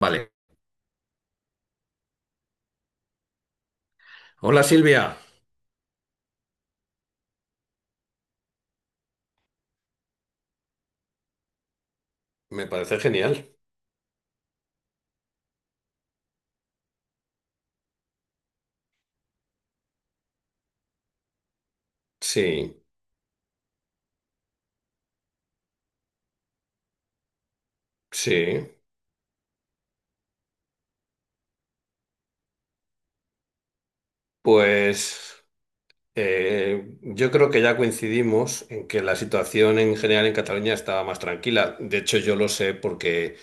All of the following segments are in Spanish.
Vale. Hola Silvia. Me parece genial. Sí, sí. Pues yo creo que ya coincidimos en que la situación en general en Cataluña estaba más tranquila. De hecho, yo lo sé porque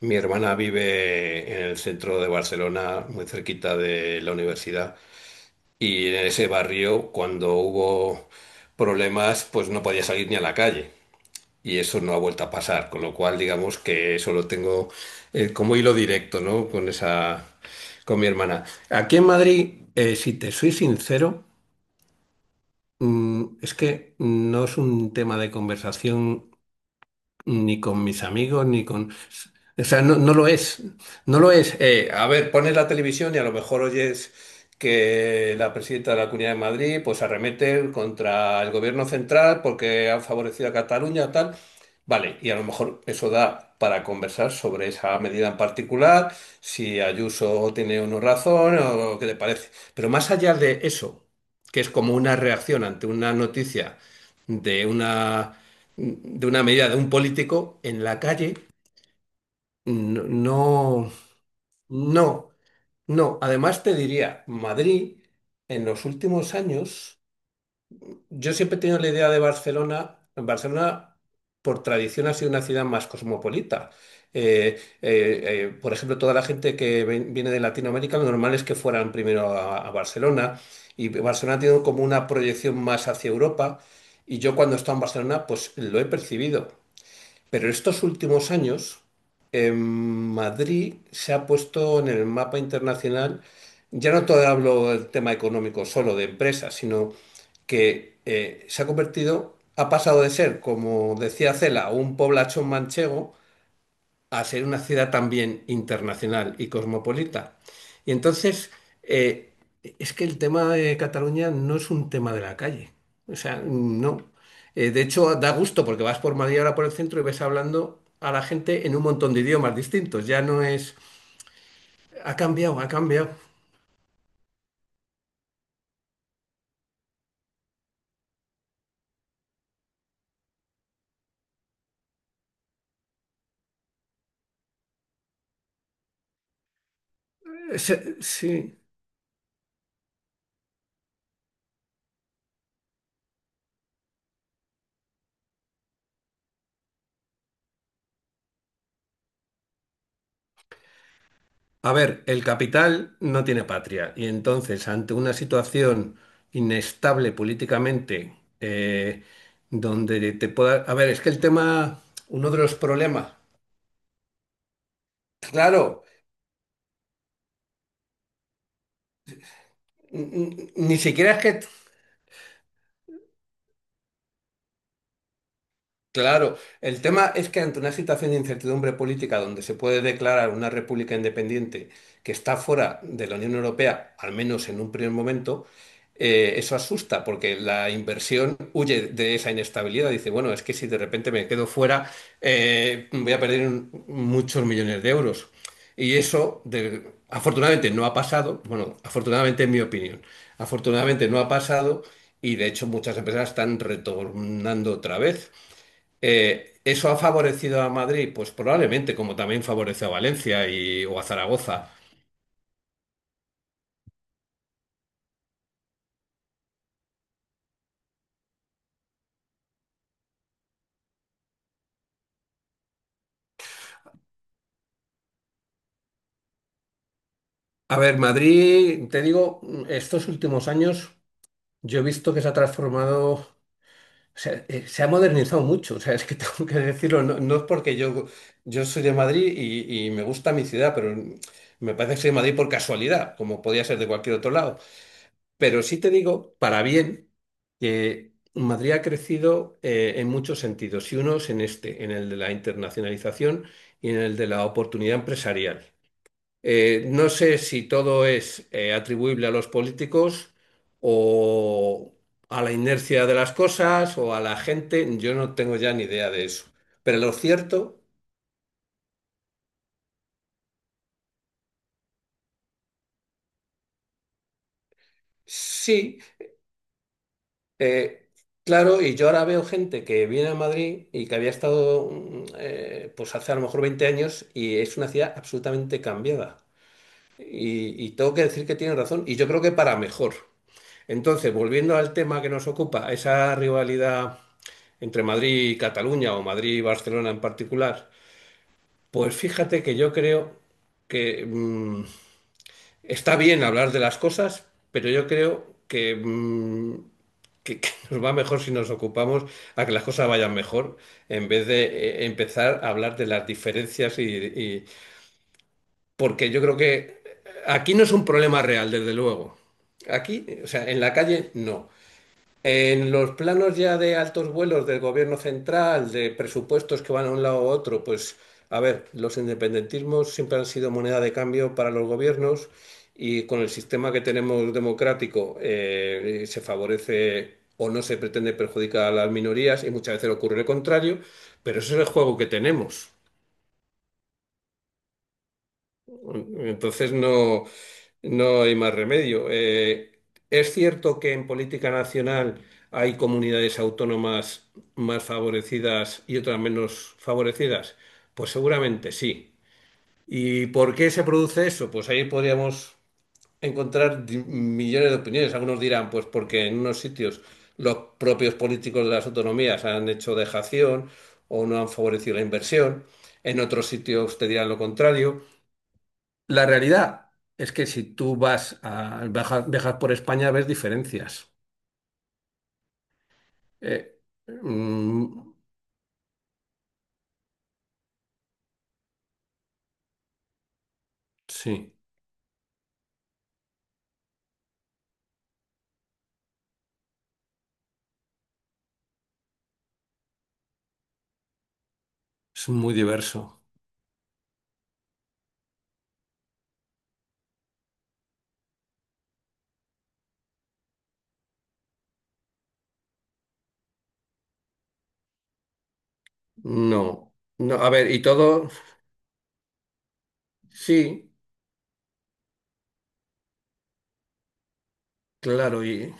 mi hermana vive en el centro de Barcelona, muy cerquita de la universidad. Y en ese barrio, cuando hubo problemas, pues no podía salir ni a la calle. Y eso no ha vuelto a pasar, con lo cual digamos que eso lo tengo como hilo directo, ¿no? Con esa, con mi hermana. Aquí en Madrid, si te soy sincero, es que no es un tema de conversación ni con mis amigos, ni con... O sea, no, no lo es, no lo es. A ver, pones la televisión y a lo mejor oyes que la presidenta de la Comunidad de Madrid pues arremete contra el gobierno central porque han favorecido a Cataluña, tal. Vale, y a lo mejor eso da para conversar sobre esa medida en particular, si Ayuso tiene o no razón o qué te parece. Pero más allá de eso, que es como una reacción ante una noticia de una de una medida de un político en la calle, no, no, no, no. Además te diría, Madrid en los últimos años, yo siempre he tenido la idea de Barcelona, Barcelona por tradición ha sido una ciudad más cosmopolita. Eh, eh, por ejemplo, toda la gente que viene de Latinoamérica, lo normal es que fueran primero a Barcelona y Barcelona tiene como una proyección más hacia Europa y yo cuando he estado en Barcelona, pues lo he percibido. Pero estos últimos años, en Madrid se ha puesto en el mapa internacional, ya no todo hablo del tema económico solo de empresas, sino que se ha convertido, ha pasado de ser, como decía Cela, un poblachón manchego a ser una ciudad también internacional y cosmopolita. Y entonces, eh, es que el tema de Cataluña no es un tema de la calle. O sea, no. De hecho, da gusto porque vas por Madrid ahora por el centro y ves hablando a la gente en un montón de idiomas distintos. Ya no es... Ha cambiado, ha cambiado. Sí. A ver, el capital no tiene patria y entonces ante una situación inestable políticamente, donde te pueda... A ver, es que el tema, uno de los problemas, claro, ni siquiera es que... Claro, el tema es que ante una situación de incertidumbre política donde se puede declarar una república independiente que está fuera de la Unión Europea, al menos en un primer momento, eso asusta porque la inversión huye de esa inestabilidad. Dice, bueno, es que si de repente me quedo fuera, voy a perder muchos millones de euros. Y eso, afortunadamente, no ha pasado. Bueno, afortunadamente, en mi opinión, afortunadamente no ha pasado y de hecho muchas empresas están retornando otra vez. ¿Eso ha favorecido a Madrid? Pues probablemente, como también favoreció a Valencia y, o a Zaragoza. A ver, Madrid, te digo, estos últimos años yo he visto que se ha transformado, o sea, se ha modernizado mucho, o sea, es que tengo que decirlo, no, no es porque yo soy de Madrid y me gusta mi ciudad, pero me parece que soy de Madrid por casualidad, como podía ser de cualquier otro lado. Pero sí te digo, para bien, que Madrid ha crecido en muchos sentidos, y unos en este, en el de la internacionalización y en el de la oportunidad empresarial. No sé si todo es atribuible a los políticos o a la inercia de las cosas o a la gente, yo no tengo ya ni idea de eso. Pero lo cierto, sí. Eh, claro, y yo ahora veo gente que viene a Madrid y que había estado pues hace a lo mejor 20 años y es una ciudad absolutamente cambiada. Y tengo que decir que tiene razón, y yo creo que para mejor. Entonces, volviendo al tema que nos ocupa, esa rivalidad entre Madrid y Cataluña o Madrid y Barcelona en particular, pues fíjate que yo creo que... está bien hablar de las cosas, pero yo creo que nos va mejor si nos ocupamos a que las cosas vayan mejor, en vez de empezar a hablar de las diferencias porque yo creo que aquí no es un problema real, desde luego. Aquí, o sea, en la calle no. En los planos ya de altos vuelos del gobierno central, de presupuestos que van a un lado u otro, pues a ver, los independentismos siempre han sido moneda de cambio para los gobiernos y con el sistema que tenemos democrático se favorece o no se pretende perjudicar a las minorías y muchas veces ocurre lo contrario, pero ese es el juego que tenemos. Entonces no, no hay más remedio. Es cierto que en política nacional hay comunidades autónomas más favorecidas y otras menos favorecidas. Pues seguramente sí. ¿Y por qué se produce eso? Pues ahí podríamos encontrar millones de opiniones. Algunos dirán, pues porque en unos sitios los propios políticos de las autonomías han hecho dejación o no han favorecido la inversión. En otros sitios te dirán lo contrario. La realidad es que si tú vas a, viajas, viajas por España ves diferencias. Eh, mm, sí, es muy diverso. No, no, a ver, y todo, sí, claro,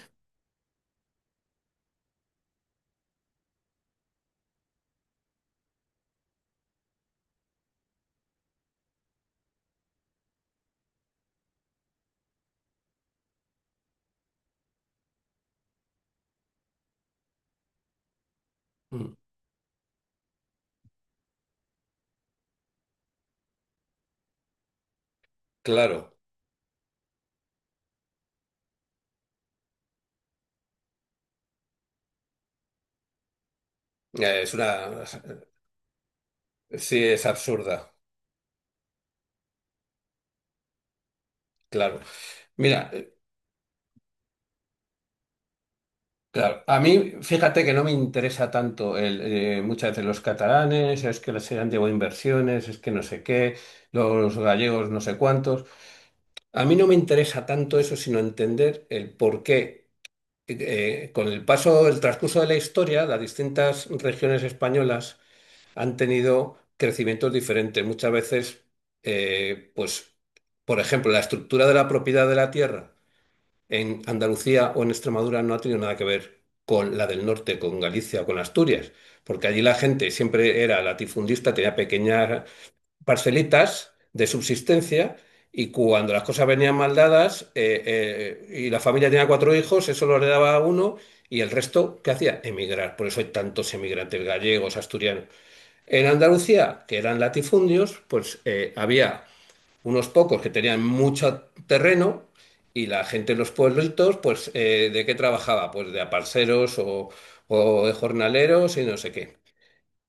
mm, claro. Es una... Sí, es absurda, claro. Mira, claro, a mí fíjate que no me interesa tanto el, muchas veces los catalanes, es que les han llevado inversiones, es que no sé qué, los gallegos no sé cuántos. A mí no me interesa tanto eso, sino entender el por qué, con el paso, el transcurso de la historia, las distintas regiones españolas han tenido crecimientos diferentes. Muchas veces, pues, por ejemplo, la estructura de la propiedad de la tierra en Andalucía o en Extremadura no ha tenido nada que ver con la del norte, con Galicia o con Asturias, porque allí la gente siempre era latifundista, tenía pequeñas parcelitas de subsistencia y cuando las cosas venían mal dadas y la familia tenía cuatro hijos, eso lo heredaba a uno y el resto, ¿qué hacía? Emigrar. Por eso hay tantos emigrantes gallegos, asturianos. En Andalucía, que eran latifundios, pues había unos pocos que tenían mucho terreno y la gente en los pueblitos, pues ¿de qué trabajaba? Pues de aparceros o de jornaleros y no sé qué.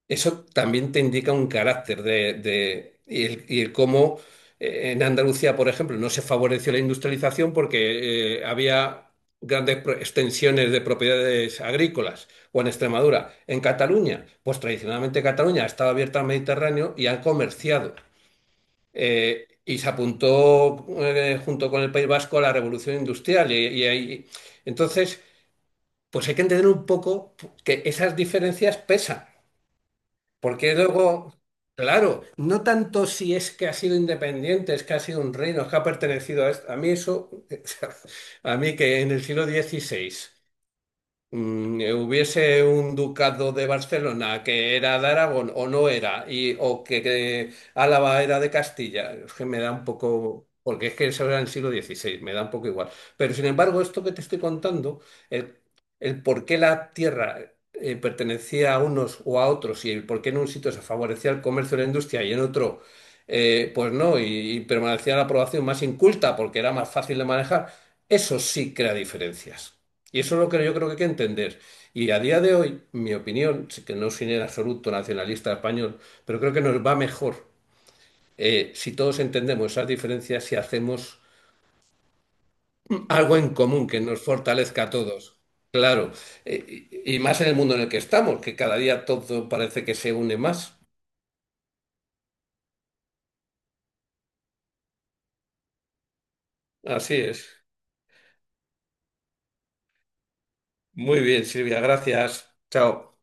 Eso también te indica un carácter y el cómo en Andalucía, por ejemplo, no se favoreció la industrialización porque había grandes extensiones de propiedades agrícolas, o en Extremadura. En Cataluña, pues tradicionalmente Cataluña ha estado abierta al Mediterráneo y ha comerciado. Y se apuntó junto con el País Vasco a la revolución industrial. Entonces, pues hay que entender un poco que esas diferencias pesan. Porque luego, claro, no tanto si es que ha sido independiente, es que ha sido un reino, es que ha pertenecido a esto. A mí eso, a mí que en el siglo XVI. Hubiese un ducado de Barcelona que era de Aragón o no era, o que Álava era de Castilla, es que me da un poco, porque es que eso era en el siglo XVI, me da un poco igual. Pero sin embargo, esto que te estoy contando, el, el por qué la tierra pertenecía a unos o a otros y el por qué en un sitio se favorecía el comercio y la industria y en otro, pues no, y permanecía la población más inculta porque era más fácil de manejar, eso sí crea diferencias. Y eso es lo que yo creo que hay que entender. Y a día de hoy, mi opinión, sí que no soy en absoluto nacionalista español, pero creo que nos va mejor si todos entendemos esas diferencias, si hacemos algo en común que nos fortalezca a todos. Claro, eh, y más en el mundo en el que estamos, que cada día todo parece que se une más. Así es. Muy bien, Silvia, gracias. Chao.